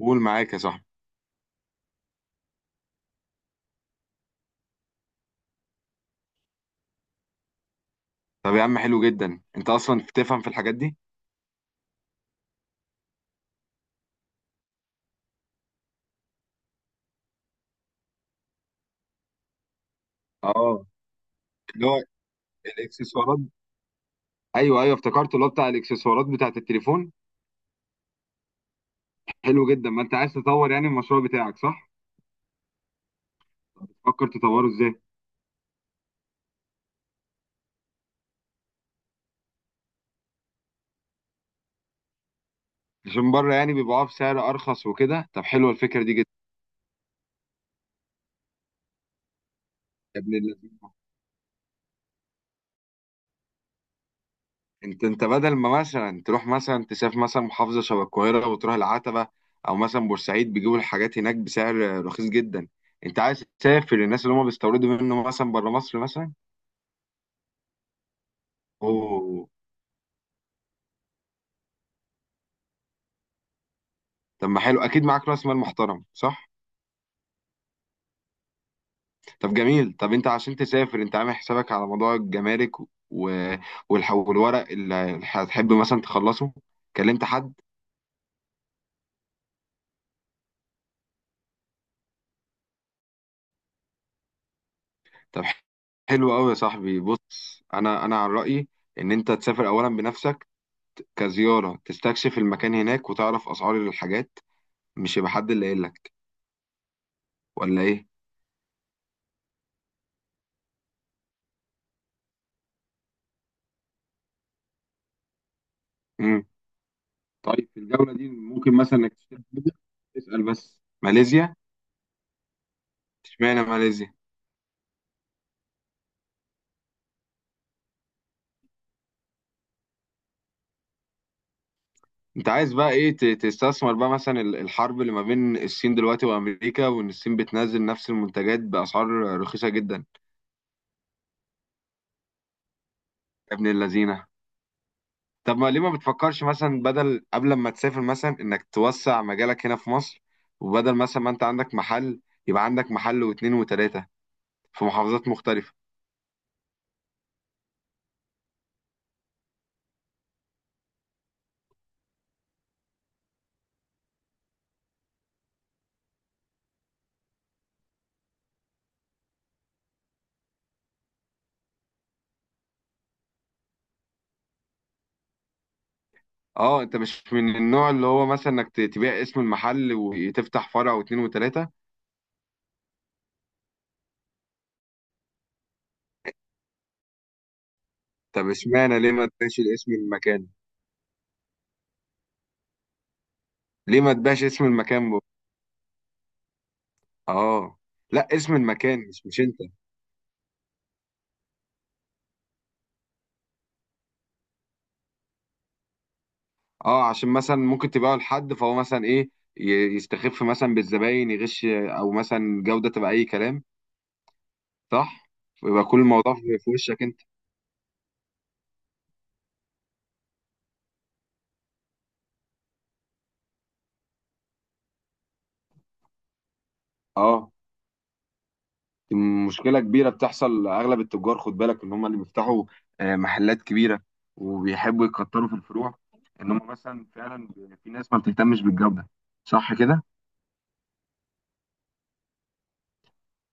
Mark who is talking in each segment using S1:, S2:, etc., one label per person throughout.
S1: قول معاك يا صاحبي. طب يا عم، حلو جدا انت اصلا بتفهم في الحاجات دي. اه، اللي هو الاكسسوارات. ايوه ايوه، افتكرت اللي هو بتاع الاكسسوارات بتاعت التليفون. حلو جدا، ما انت عايز تطور يعني المشروع بتاعك، صح؟ تفكر تطوره ازاي؟ عشان بره يعني بيبيعوها بسعر ارخص وكده، طب حلوه الفكره دي جدا. يا ابن اللذين، انت بدل ما مثلا تروح مثلا تسافر مثلا محافظه شبه القاهره وتروح العتبه او مثلا بورسعيد بيجيبوا الحاجات هناك بسعر رخيص جدا. انت عايز تسافر الناس اللي هم بيستوردوا منه مثلا بره مصر مثلا. اوه. طب ما حلو، اكيد معاك راس مال محترم، صح؟ طب جميل. طب انت عشان تسافر، انت عامل حسابك على موضوع الجمارك والورق اللي هتحب مثلا تخلصه؟ كلمت حد؟ طب حلو قوي يا صاحبي. بص، انا عن رايي ان انت تسافر اولا بنفسك كزياره، تستكشف المكان هناك وتعرف اسعار الحاجات، مش يبقى حد اللي قايل لك ولا ايه. امم طيب في الجوله دي ممكن مثلا انك تشتري حاجة، تسال بس. ماليزيا؟ اشمعنى ماليزيا؟ انت عايز بقى ايه، تستثمر بقى مثلا الحرب اللي ما بين الصين دلوقتي وامريكا، وان الصين بتنزل نفس المنتجات باسعار رخيصه جدا. يا ابن اللذينه، طب ما ليه ما بتفكرش مثلا بدل قبل ما تسافر مثلا انك توسع مجالك هنا في مصر؟ وبدل مثلا ما انت عندك محل، يبقى عندك محل واتنين وتلاته في محافظات مختلفه. اه، انت مش من النوع اللي هو مثلا انك تبيع اسم المحل وتفتح فرع واتنين وتلاته؟ طب اشمعنى؟ ليه ما تبيعش اسم المكان؟ ليه ما تبيعش اسم المكان؟ اه. لا، اسم المكان مش انت. اه، عشان مثلا ممكن تبيعه لحد، فهو مثلا ايه، يستخف مثلا بالزباين، يغش او مثلا جودة تبقى اي كلام. صح، يبقى كل الموضوع في وشك انت. اه، دي مشكلة كبيرة بتحصل لأغلب التجار. خد بالك إن هم اللي بيفتحوا محلات كبيرة، وبيحبوا يكتروا في الفروع، إن هم مثلا فعلا في ناس ما بتهتمش بالجودة. صح كده؟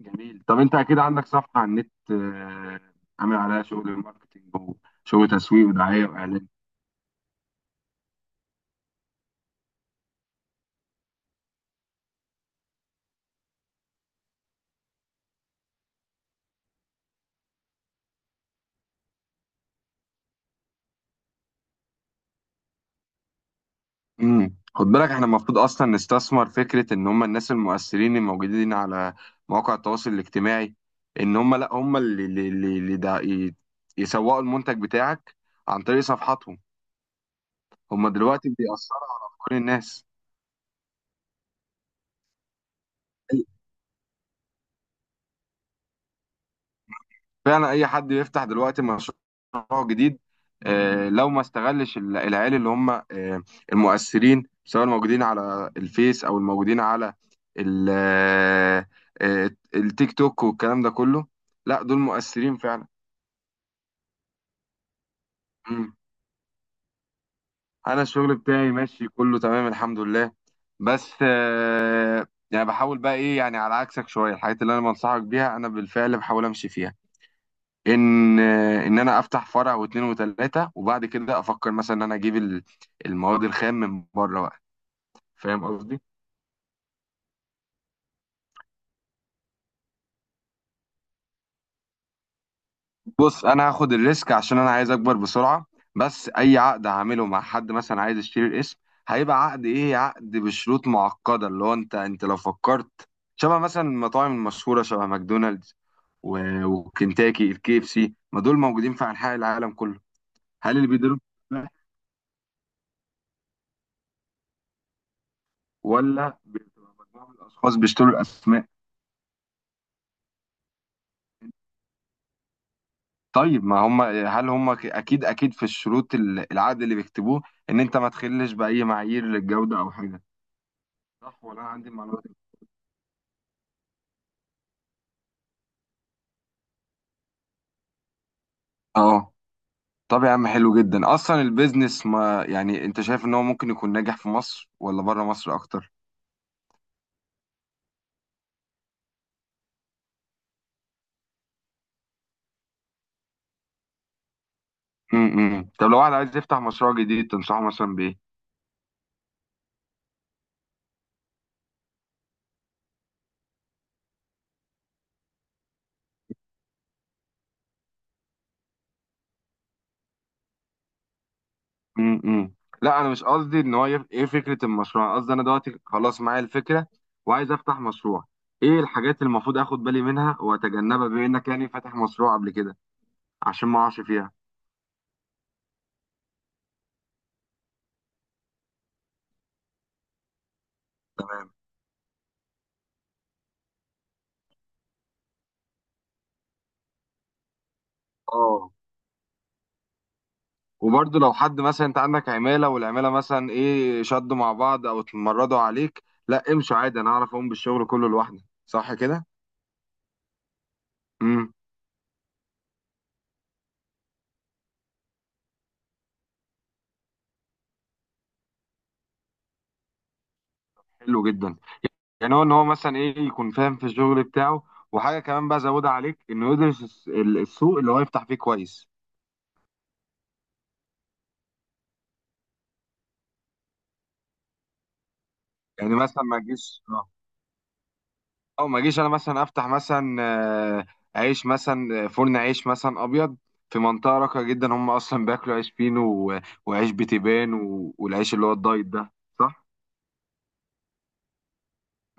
S1: جميل. طب انت اكيد عندك صفحة على النت، عامل عليها شغل الماركتينج وشغل تسويق ودعاية واعلان. خد بالك احنا المفروض اصلا نستثمر فكرة ان هم الناس المؤثرين الموجودين على مواقع التواصل الاجتماعي، ان هم لا هم اللي يسوقوا المنتج بتاعك عن طريق صفحاتهم. هم دلوقتي بيأثروا على افكار الناس. فعلا اي حد بيفتح دلوقتي مشروع جديد، لو ما استغلش العيال اللي هم المؤثرين، سواء الموجودين على الفيس او الموجودين على ال- آه، التيك توك والكلام ده كله، لا دول مؤثرين فعلا. مم. انا الشغل بتاعي ماشي كله تمام الحمد لله. بس يعني بحاول بقى ايه، يعني على عكسك شوية الحاجات اللي انا بنصحك بيها انا بالفعل بحاول امشي فيها. ان ان انا افتح فرع واثنين وثلاثه وبعد كده افكر مثلا ان انا اجيب المواد الخام من بره بقى. فاهم قصدي. بص، انا هاخد الريسك عشان انا عايز اكبر بسرعه. بس اي عقد هعمله مع حد مثلا عايز يشتري الاسم، هيبقى عقد ايه، عقد بشروط معقده اللي هو انت لو فكرت شبه مثلا المطاعم المشهوره، شبه ماكدونالدز وكنتاكي الكي اف سي، ما دول موجودين في انحاء العالم كله. هل اللي بيديروا، ولا بتبقى مجموعه من الاشخاص بيشتروا الاسماء؟ طيب ما هم هل هم اكيد اكيد في الشروط العقد اللي بيكتبوه ان انت ما تخلش باي معايير للجوده او حاجه، صح ولا انا عندي المعلومات دي؟ اه. طب يا عم حلو جدا اصلا. البيزنس ما يعني، انت شايف ان هو ممكن يكون ناجح في مصر ولا بره مصر اكتر؟ طب لو واحد عايز يفتح مشروع جديد، تنصحه مثلا بايه؟ امم لا انا مش قصدي ان هو ايه فكره المشروع. أنا قصدي انا دلوقتي خلاص معايا الفكره، وعايز افتح مشروع. ايه الحاجات اللي المفروض اخد بالي منها واتجنبها بما انك يعني فاتح مشروع قبل كده، عشان ما اقعش فيها. تمام. اه، وبرضه لو حد مثلا انت عندك عماله والعماله مثلا ايه شدوا مع بعض او اتمردوا عليك، لا امشوا عادي، انا اعرف اقوم بالشغل كله لوحدي، صح كده؟ امم حلو جدا، يعني هو ان هو مثلا ايه يكون فاهم في الشغل بتاعه، وحاجه كمان بقى زودها عليك انه يدرس السوق اللي هو يفتح فيه كويس. يعني مثلا ما تجيش او ما اجيش انا مثلا افتح مثلا آه، عيش مثلا فرن عيش مثلا ابيض في منطقه راقيه جدا هم اصلا بياكلوا عيش فينو وعيش بتبان والعيش اللي هو الدايت ده، صح.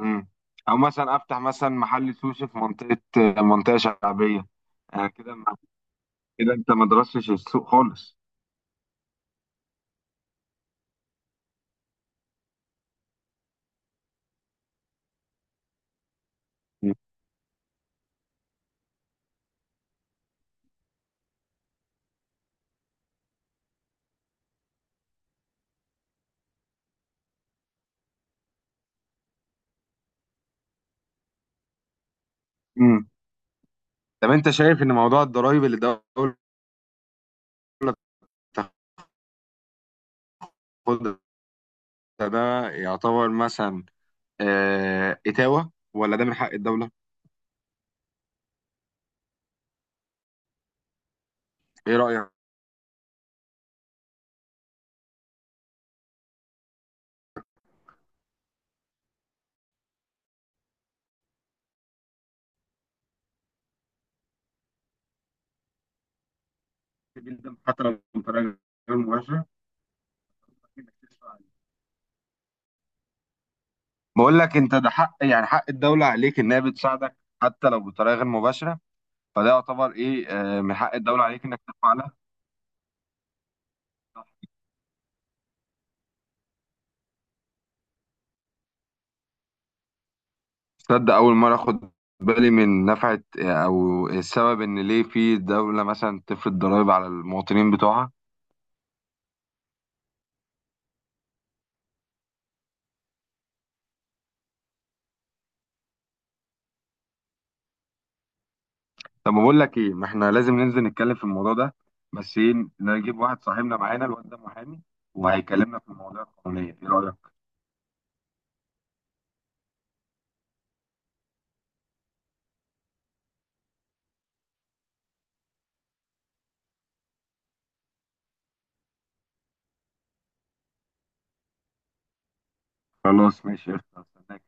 S1: امم او مثلا افتح مثلا محل سوشي في منطقه، منطقه شعبيه. يعني كده كده انت ما درستش السوق خالص. امم طب انت شايف ان موضوع الضرايب اللي الدوله بتاخدها، ده يعتبر مثلا اتاوه ولا ده من حق الدوله؟ ايه رايك؟ جدا، حتى لو بطريقه غير مباشره. بقول لك انت، ده حق، يعني حق الدوله عليك، انها بتساعدك حتى لو بطريقه غير مباشره. فده يعتبر ايه، من حق الدوله عليك انك تفعلها. تصدق اول مره اخد بالي من نفعه، او السبب ان ليه في دوله مثلا تفرض ضرائب على المواطنين بتوعها. طب ما بقول لك ايه، ما احنا لازم ننزل نتكلم في الموضوع ده، بس ايه، نجيب واحد صاحبنا معانا، الواد ده محامي وهيكلمنا في المواضيع القانونيه. ايه رايك؟ خلاص ماشي قشطة. استناك.